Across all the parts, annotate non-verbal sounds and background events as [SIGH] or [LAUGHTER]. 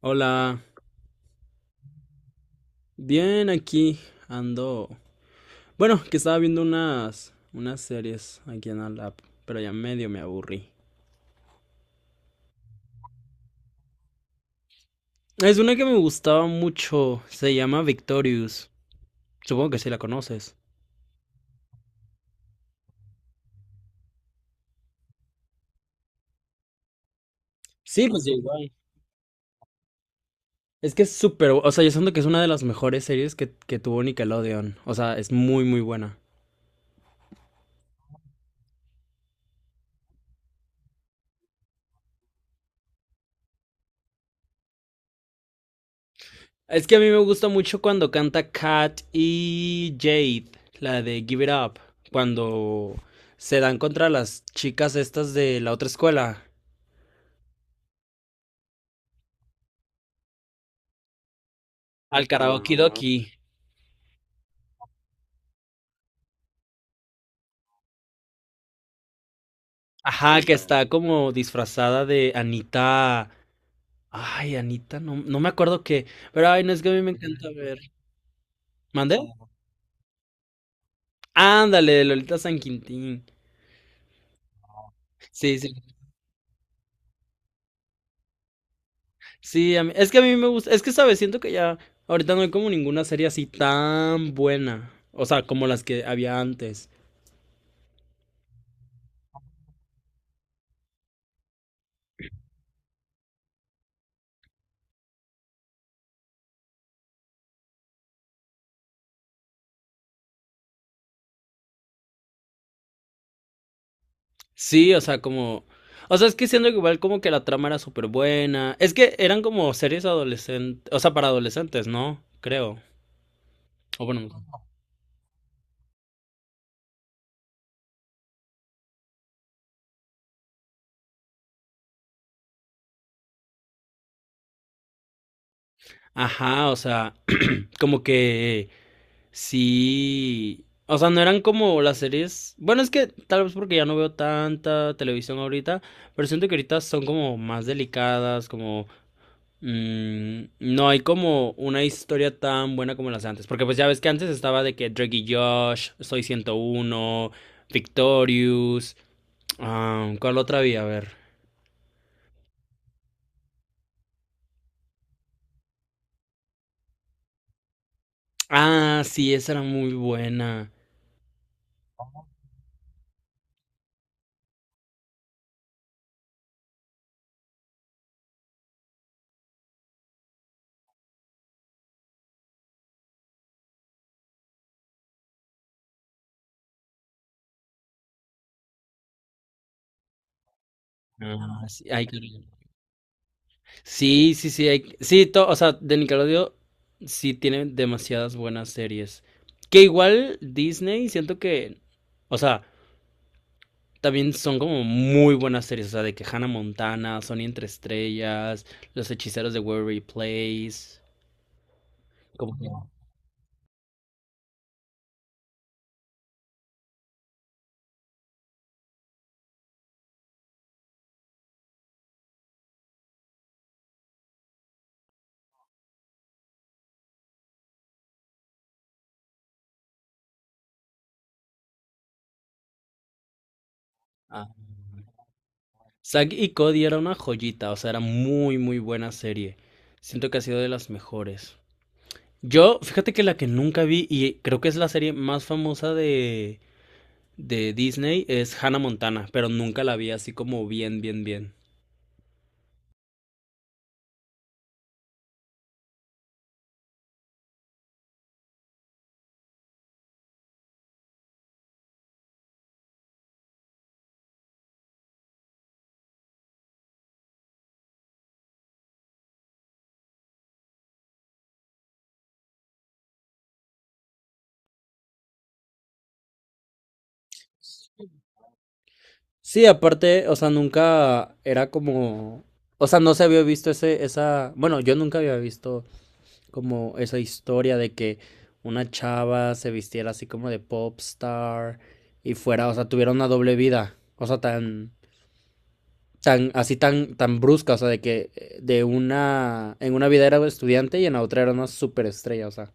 Hola, bien aquí ando. Bueno, que estaba viendo unas series aquí en la lap, pero ya medio me aburrí. Es una que me gustaba mucho, se llama Victorious. Supongo que sí la conoces. Sí, pues sí, igual. Es que es súper, o sea, yo siento que es una de las mejores series que tuvo Nickelodeon. O sea, es muy, muy buena. Es que a mí me gusta mucho cuando canta Kat y Jade, la de Give It Up, cuando se dan contra las chicas estas de la otra escuela. Al karaoke doki. Ajá, que está como disfrazada de Anita. Ay, Anita, no, no me acuerdo qué. Pero ay, no es que a mí me encanta ver. ¿Mandé? Ándale, de Lolita San Quintín. Sí, sí. Sí, es que a mí me gusta. Es que, ¿sabes? Siento que ya. Ahorita no hay como ninguna serie así tan buena. O sea, como las que había antes. Sí, o sea, como. O sea, es que siendo que igual como que la trama era súper buena. Es que eran como series adolescentes. O sea, para adolescentes, ¿no? Creo. O bueno. Ajá, o sea, [CLEARS THROAT] como que sí. O sea, no eran como las series. Bueno, es que tal vez porque ya no veo tanta televisión ahorita, pero siento que ahorita son como más delicadas, como no hay como una historia tan buena como las de antes, porque pues ya ves que antes estaba de que Drake y Josh, Soy ciento uno, Victorious, ah, ¿cuál otra había? A ver. Ah, sí, esa era muy buena. Ah, sí, ay, claro. Sí, sí, sí, o sea, de Nickelodeon sí tiene demasiadas buenas series. Que igual Disney, siento que, o sea, también son como muy buenas series, o sea, de que Hannah Montana, Sony entre estrellas, Los hechiceros de Waverly Place, como que, ah, Zack y Cody era una joyita, o sea, era muy, muy buena serie. Siento que ha sido de las mejores. Yo, fíjate que la que nunca vi y creo que es la serie más famosa de Disney es Hannah Montana, pero nunca la vi así como bien, bien, bien. Sí, aparte, o sea, nunca era como. O sea, no se había visto ese, esa. Bueno, yo nunca había visto como esa historia de que una chava se vistiera así como de pop star y fuera, o sea, tuviera una doble vida. O sea, tan. Tan, así tan, tan brusca. O sea, de que de una. En una vida era estudiante y en la otra era una superestrella. O sea,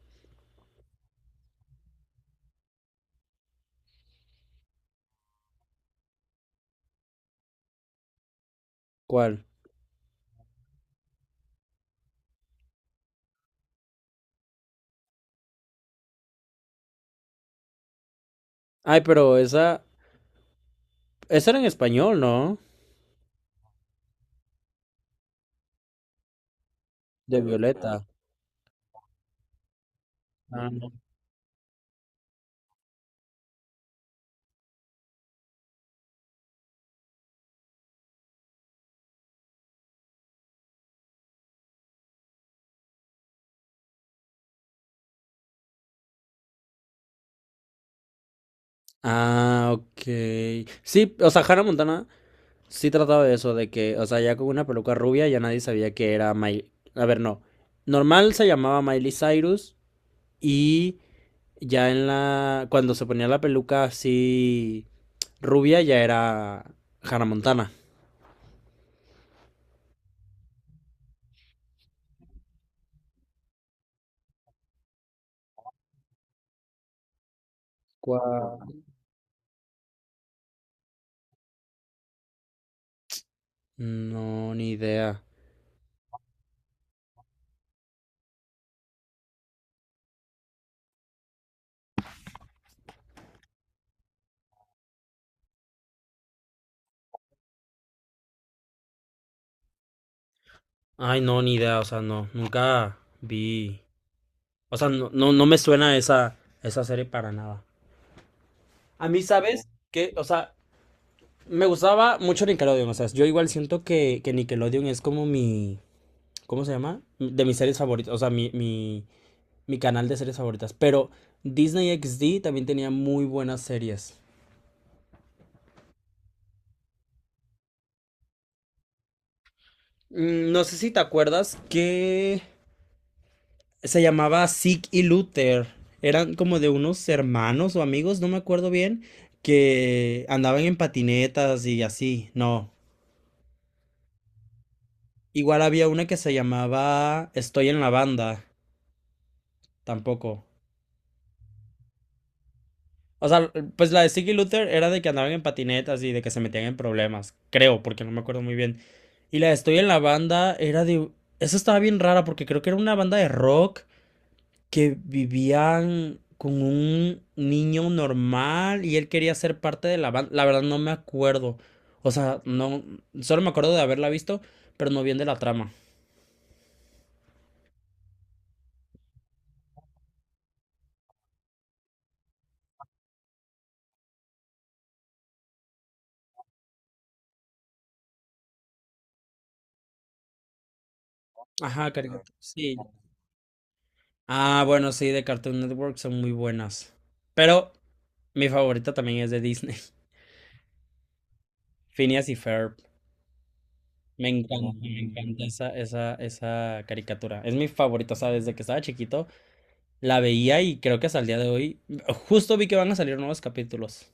¿cuál? Ay, pero esa. Esa era en español, ¿no? De Violeta. Ah, ujú. No. Ah, ok. Sí, o sea, Hannah Montana sí trataba de eso, de que, o sea, ya con una peluca rubia ya nadie sabía que era Miley. A ver, no. Normal se llamaba Miley Cyrus y ya en la... Cuando se ponía la peluca así rubia ya era Hannah Montana. ¿Cuál? No, ni idea. Ay, no, ni idea, o sea, no, nunca vi. O sea, no, no, no me suena esa, esa serie para nada. A mí, ¿sabes? Que, o sea, me gustaba mucho Nickelodeon. O sea, yo igual siento que Nickelodeon es como mi. ¿Cómo se llama? De mis series favoritas. O sea, mi canal de series favoritas. Pero Disney XD también tenía muy buenas series. No sé si te acuerdas que se llamaba Zig y Luther. Eran como de unos hermanos o amigos, no me acuerdo bien, que andaban en patinetas y así. No. Igual había una que se llamaba Estoy en la banda. Tampoco. O sea, pues la de Ziggy Luther era de que andaban en patinetas y de que se metían en problemas. Creo, porque no me acuerdo muy bien. Y la de Estoy en la banda era de... Esa estaba bien rara porque creo que era una banda de rock que vivían con un niño normal y él quería ser parte de la banda. La verdad no me acuerdo. O sea, no... Solo me acuerdo de haberla visto, pero no bien de la trama. Ajá, caricatura. Sí. Ah, bueno, sí, de Cartoon Network son muy buenas. Pero mi favorita también es de Disney. Phineas y Ferb. Me encanta esa caricatura. Es mi favorita, o sea, desde que estaba chiquito la veía y creo que hasta el día de hoy, justo vi que van a salir nuevos capítulos.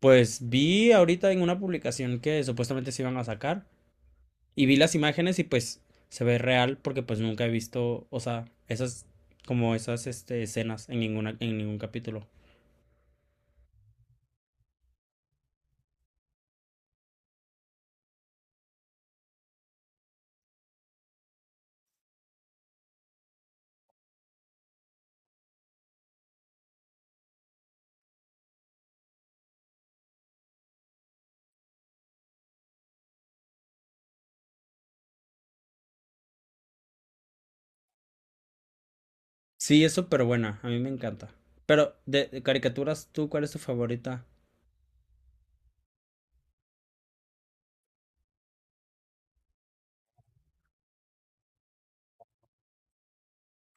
Pues vi ahorita en una publicación que supuestamente se iban a sacar y vi las imágenes y pues se ve real porque pues nunca he visto, o sea, esas como esas este, escenas en ninguna en ningún capítulo. Sí, es súper buena, a mí me encanta. Pero de caricaturas, ¿tú cuál es tu favorita?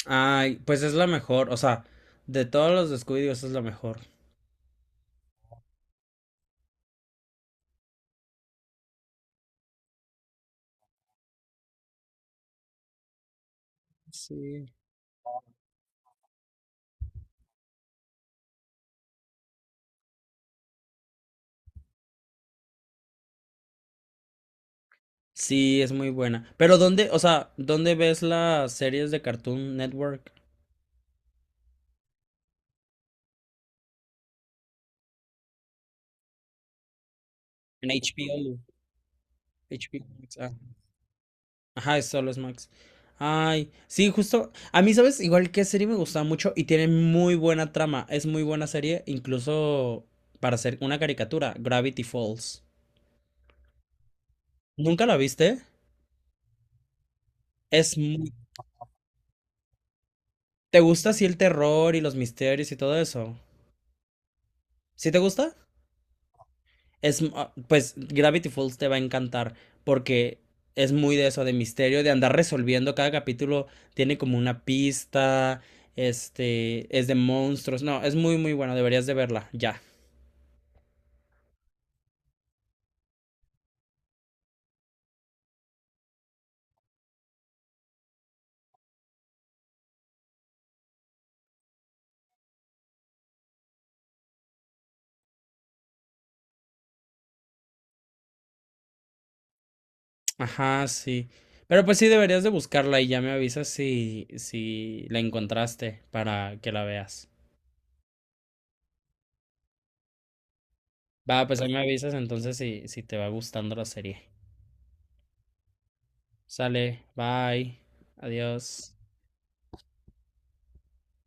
Ay, pues es la mejor, o sea, de todos los de Scooby-Doo esa es la mejor. Sí. Sí, es muy buena. Pero ¿dónde, o sea, dónde ves las series de Cartoon Network? En HBO. HBO Max. Ah. Ajá, es solo es Max. Ay, sí, justo. A mí, ¿sabes? Igual que serie me gusta mucho y tiene muy buena trama. Es muy buena serie, incluso para hacer una caricatura, Gravity Falls. ¿Nunca la viste? Es muy... ¿Te gusta así el terror y los misterios y todo eso? ¿Sí te gusta? Es, ah, pues Gravity Falls te va a encantar porque es muy de eso, de misterio, de andar resolviendo. Cada capítulo tiene como una pista, este, es de monstruos. No, es muy, muy bueno. Deberías de verla, ya. Ajá, sí. Pero pues sí, deberías de buscarla y ya me avisas si, si la encontraste para que la veas. Va, pues ahí me avisas entonces si, si te va gustando la serie. Sale, bye, adiós.